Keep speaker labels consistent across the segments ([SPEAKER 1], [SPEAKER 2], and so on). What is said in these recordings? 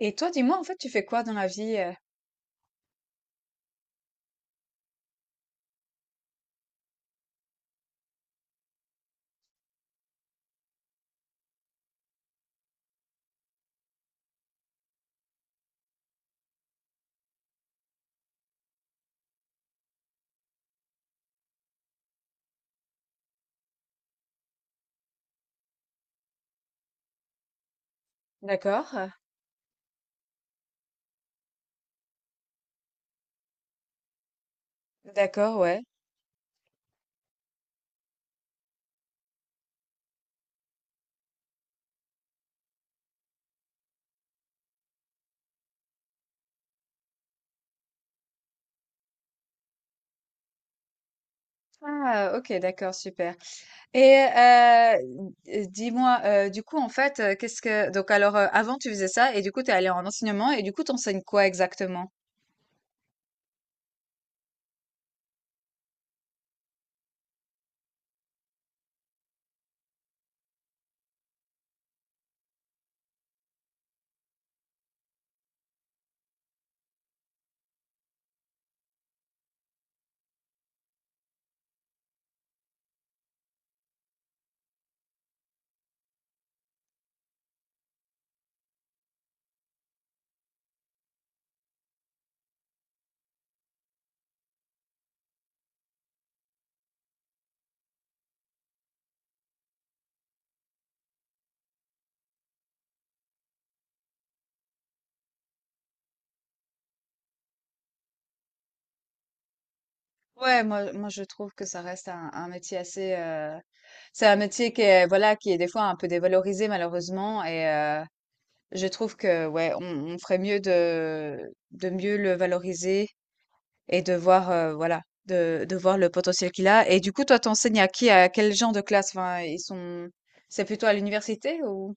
[SPEAKER 1] Et toi, dis-moi, en fait, tu fais quoi dans la vie? D'accord, d'accord, ouais. Ah, ok, d'accord, super. Et dis-moi, du coup, en fait, qu'est-ce que... Donc, alors, avant, tu faisais ça, et du coup, t'es allé en enseignement, et du coup, t'enseignes quoi exactement? Ouais, moi, je trouve que ça reste un métier assez... c'est un métier qui est, voilà, qui est des fois un peu dévalorisé, malheureusement, je trouve que, ouais, on ferait mieux de mieux le valoriser. Et de voir, voilà, de voir le potentiel qu'il a. Et du coup, toi, t'enseignes à qui? À quel genre de classe? Enfin, ils sont, c'est plutôt à l'université, ou?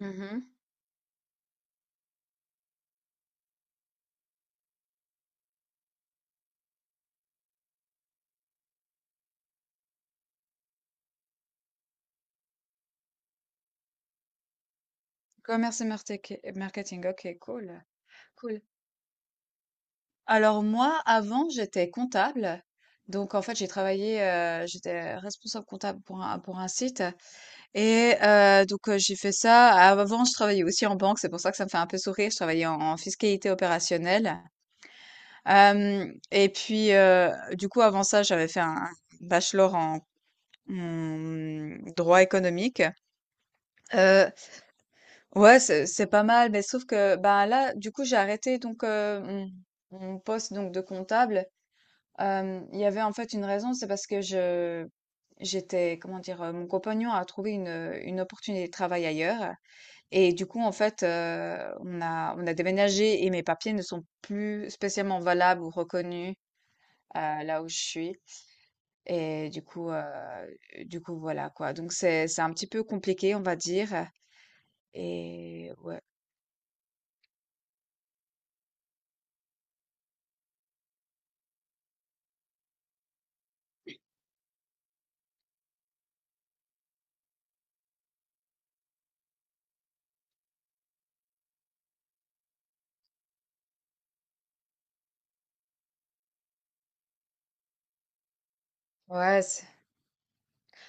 [SPEAKER 1] Mmh. Commerce et martek marketing, OK, cool, cool. Alors moi, avant, j'étais comptable. Donc en fait, j'ai travaillé, j'étais responsable comptable pour un site, j'ai fait ça. Avant, je travaillais aussi en banque, c'est pour ça que ça me fait un peu sourire. Je travaillais en fiscalité opérationnelle. Hem, et puis, heu, du coup, avant ça, j'avais fait un bachelor en droit économique. Heu, ouais, c'est pas mal, mais sauf que, bah, là, du coup, j'ai arrêté donc, mon poste donc de comptable. Hem, il y avait en fait une raison, c'est parce que je j'étais, comment dire? Mon compagnon a trouvé une opportunité de travail ailleurs et du coup, en fait, on a déménagé, et mes papiers ne sont plus spécialement valables ou reconnus, heu, là où je suis. Et du coup, voilà quoi. Donc c'est un petit peu compliqué, on va dire, et ouais. Ouais, c'est,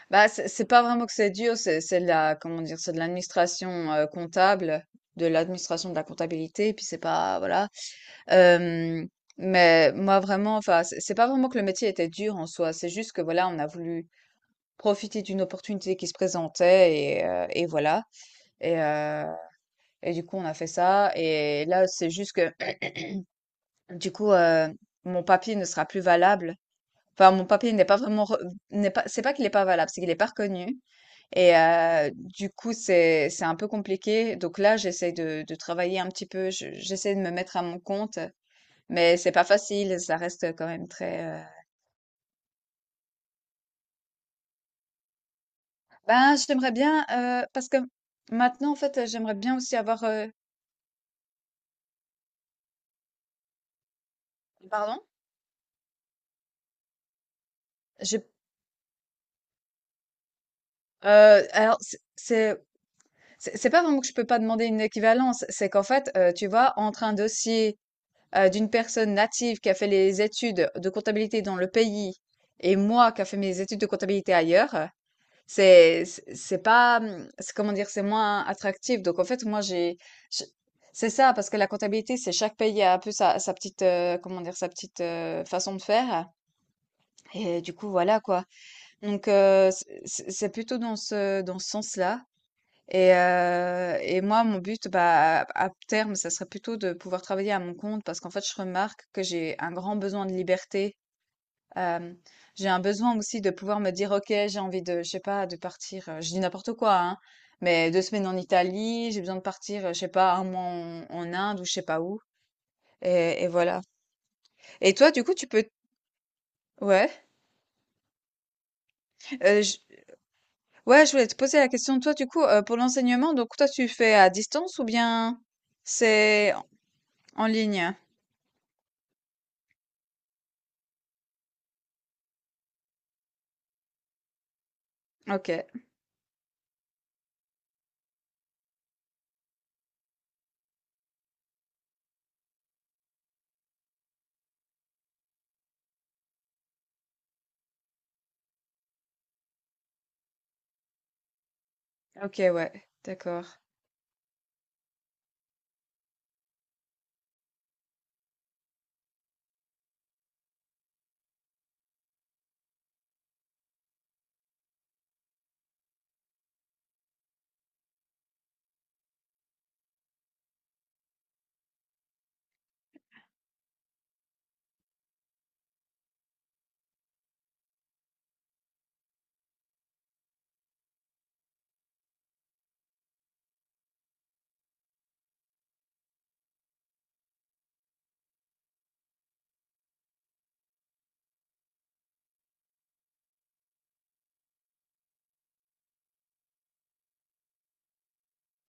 [SPEAKER 1] bah, c'est pas vraiment que c'est dur, c'est de la, comment dire? C'est de l'administration, comptable, de l'administration de la comptabilité, et puis c'est pas, voilà. Hem, mais moi vraiment, enfin, c'est pas vraiment que le métier était dur en soi, c'est juste que voilà, on a voulu profiter d'une opportunité qui se présentait, et voilà. et heu et du coup, on a fait ça, et là, c'est juste que, du coup, mon papier ne sera plus valable. Enfin, mon papier n'est pas vraiment re n'est pas, c'est pas qu'il est pas valable, c'est qu'il est pas reconnu, du coup, c'est un peu compliqué. Donc là, j'essaie de travailler un petit peu, je j'essaie de me mettre à mon compte, mais c'est pas facile, ça reste quand même très, ben, j'aimerais bien, parce que maintenant, en fait, j'aimerais bien aussi avoir, pardon? J'ai alors c'est pas vraiment que je peux pas demander une équivalence, c'est qu'en fait, tu vois, entre un dossier d'une personne native qui a fait les études de comptabilité dans le pays, et moi qui a fait mes études de comptabilité ailleurs, c'est pas, c'est, comment dire, c'est moins attractif. Donc en fait, je- c'est ça parce que la comptabilité, c'est chaque pays a un peu sa, sa petite comment dire, sa petite façon de faire, et du coup voilà quoi. Donc c'est plutôt dans ce sens-là. Et moi, mon but, bah, à terme, ça serait plutôt de pouvoir travailler à mon compte, parce qu'en fait, je remarque que j'ai un grand besoin de liberté. Hem, j'ai un besoin aussi de pouvoir me dire: «OK, j'ai envie de, je sais pas, de partir», je dis n'importe quoi, hein, mais 2 semaines en Italie, j'ai besoin de partir, je sais pas, un mois en Inde ou je sais pas où, et voilà. Et toi, du coup, tu peux, ouais, j ouais, je voulais te poser la question, toi, du coup, pour l'enseignement, donc toi, tu fais à distance ou bien c'est en ligne? OK. OK, ouais, d'accord.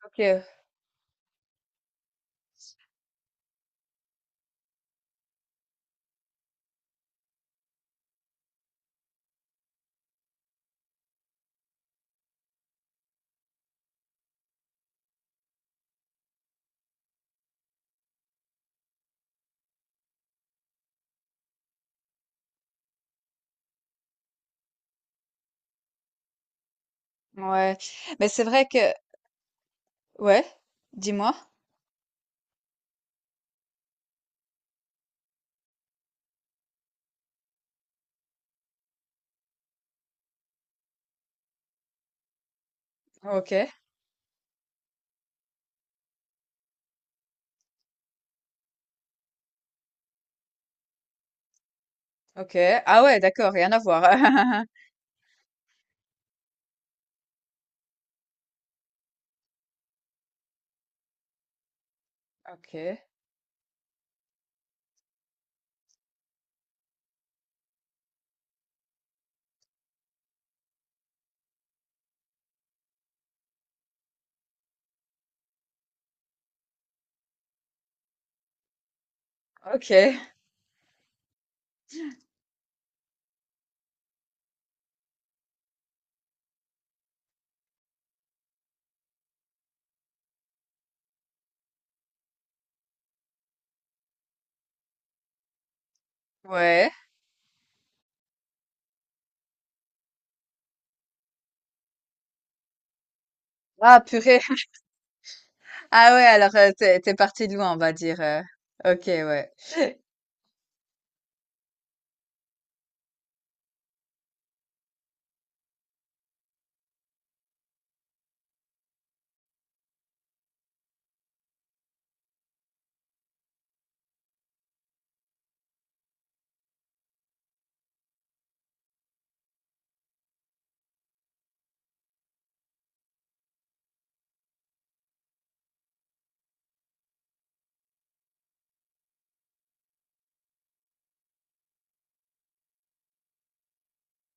[SPEAKER 1] OK, ouais. Mais c'est vrai que... Ouais, dis-moi. OK, OK. Ah ouais, d'accord, rien à voir. OK, OK, ouais. Ah, purée. Ah ouais, alors t'es, t'es parti de loin, on va dire. OK, ouais.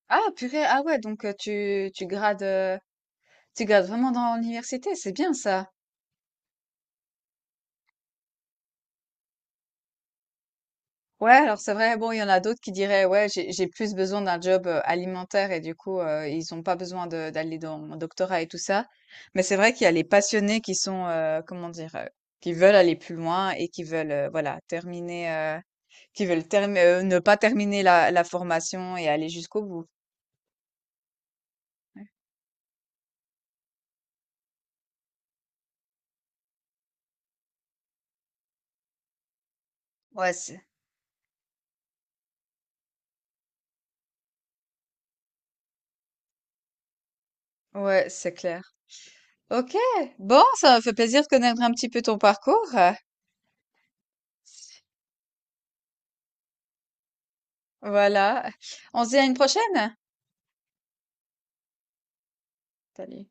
[SPEAKER 1] Ah, purée, ah ouais, donc tu, tu grades vraiment dans l'université, c'est bien ça. Ouais, alors c'est vrai, bon, il y en a d'autres qui diraient, ouais, j'ai plus besoin d'un job alimentaire, et du coup, ils ont pas besoin d'aller dans mon doctorat et tout ça. Mais c'est vrai qu'il y a les passionnés qui sont, comment dire, qui veulent aller plus loin et qui veulent, voilà, qui veulent ne pas terminer la, la formation et aller jusqu'au bout. Ouais, c'est, ouais, c'est clair. Ok, bon, ça me fait plaisir de connaître un petit peu ton parcours. Voilà, on se dit à une prochaine. Salut.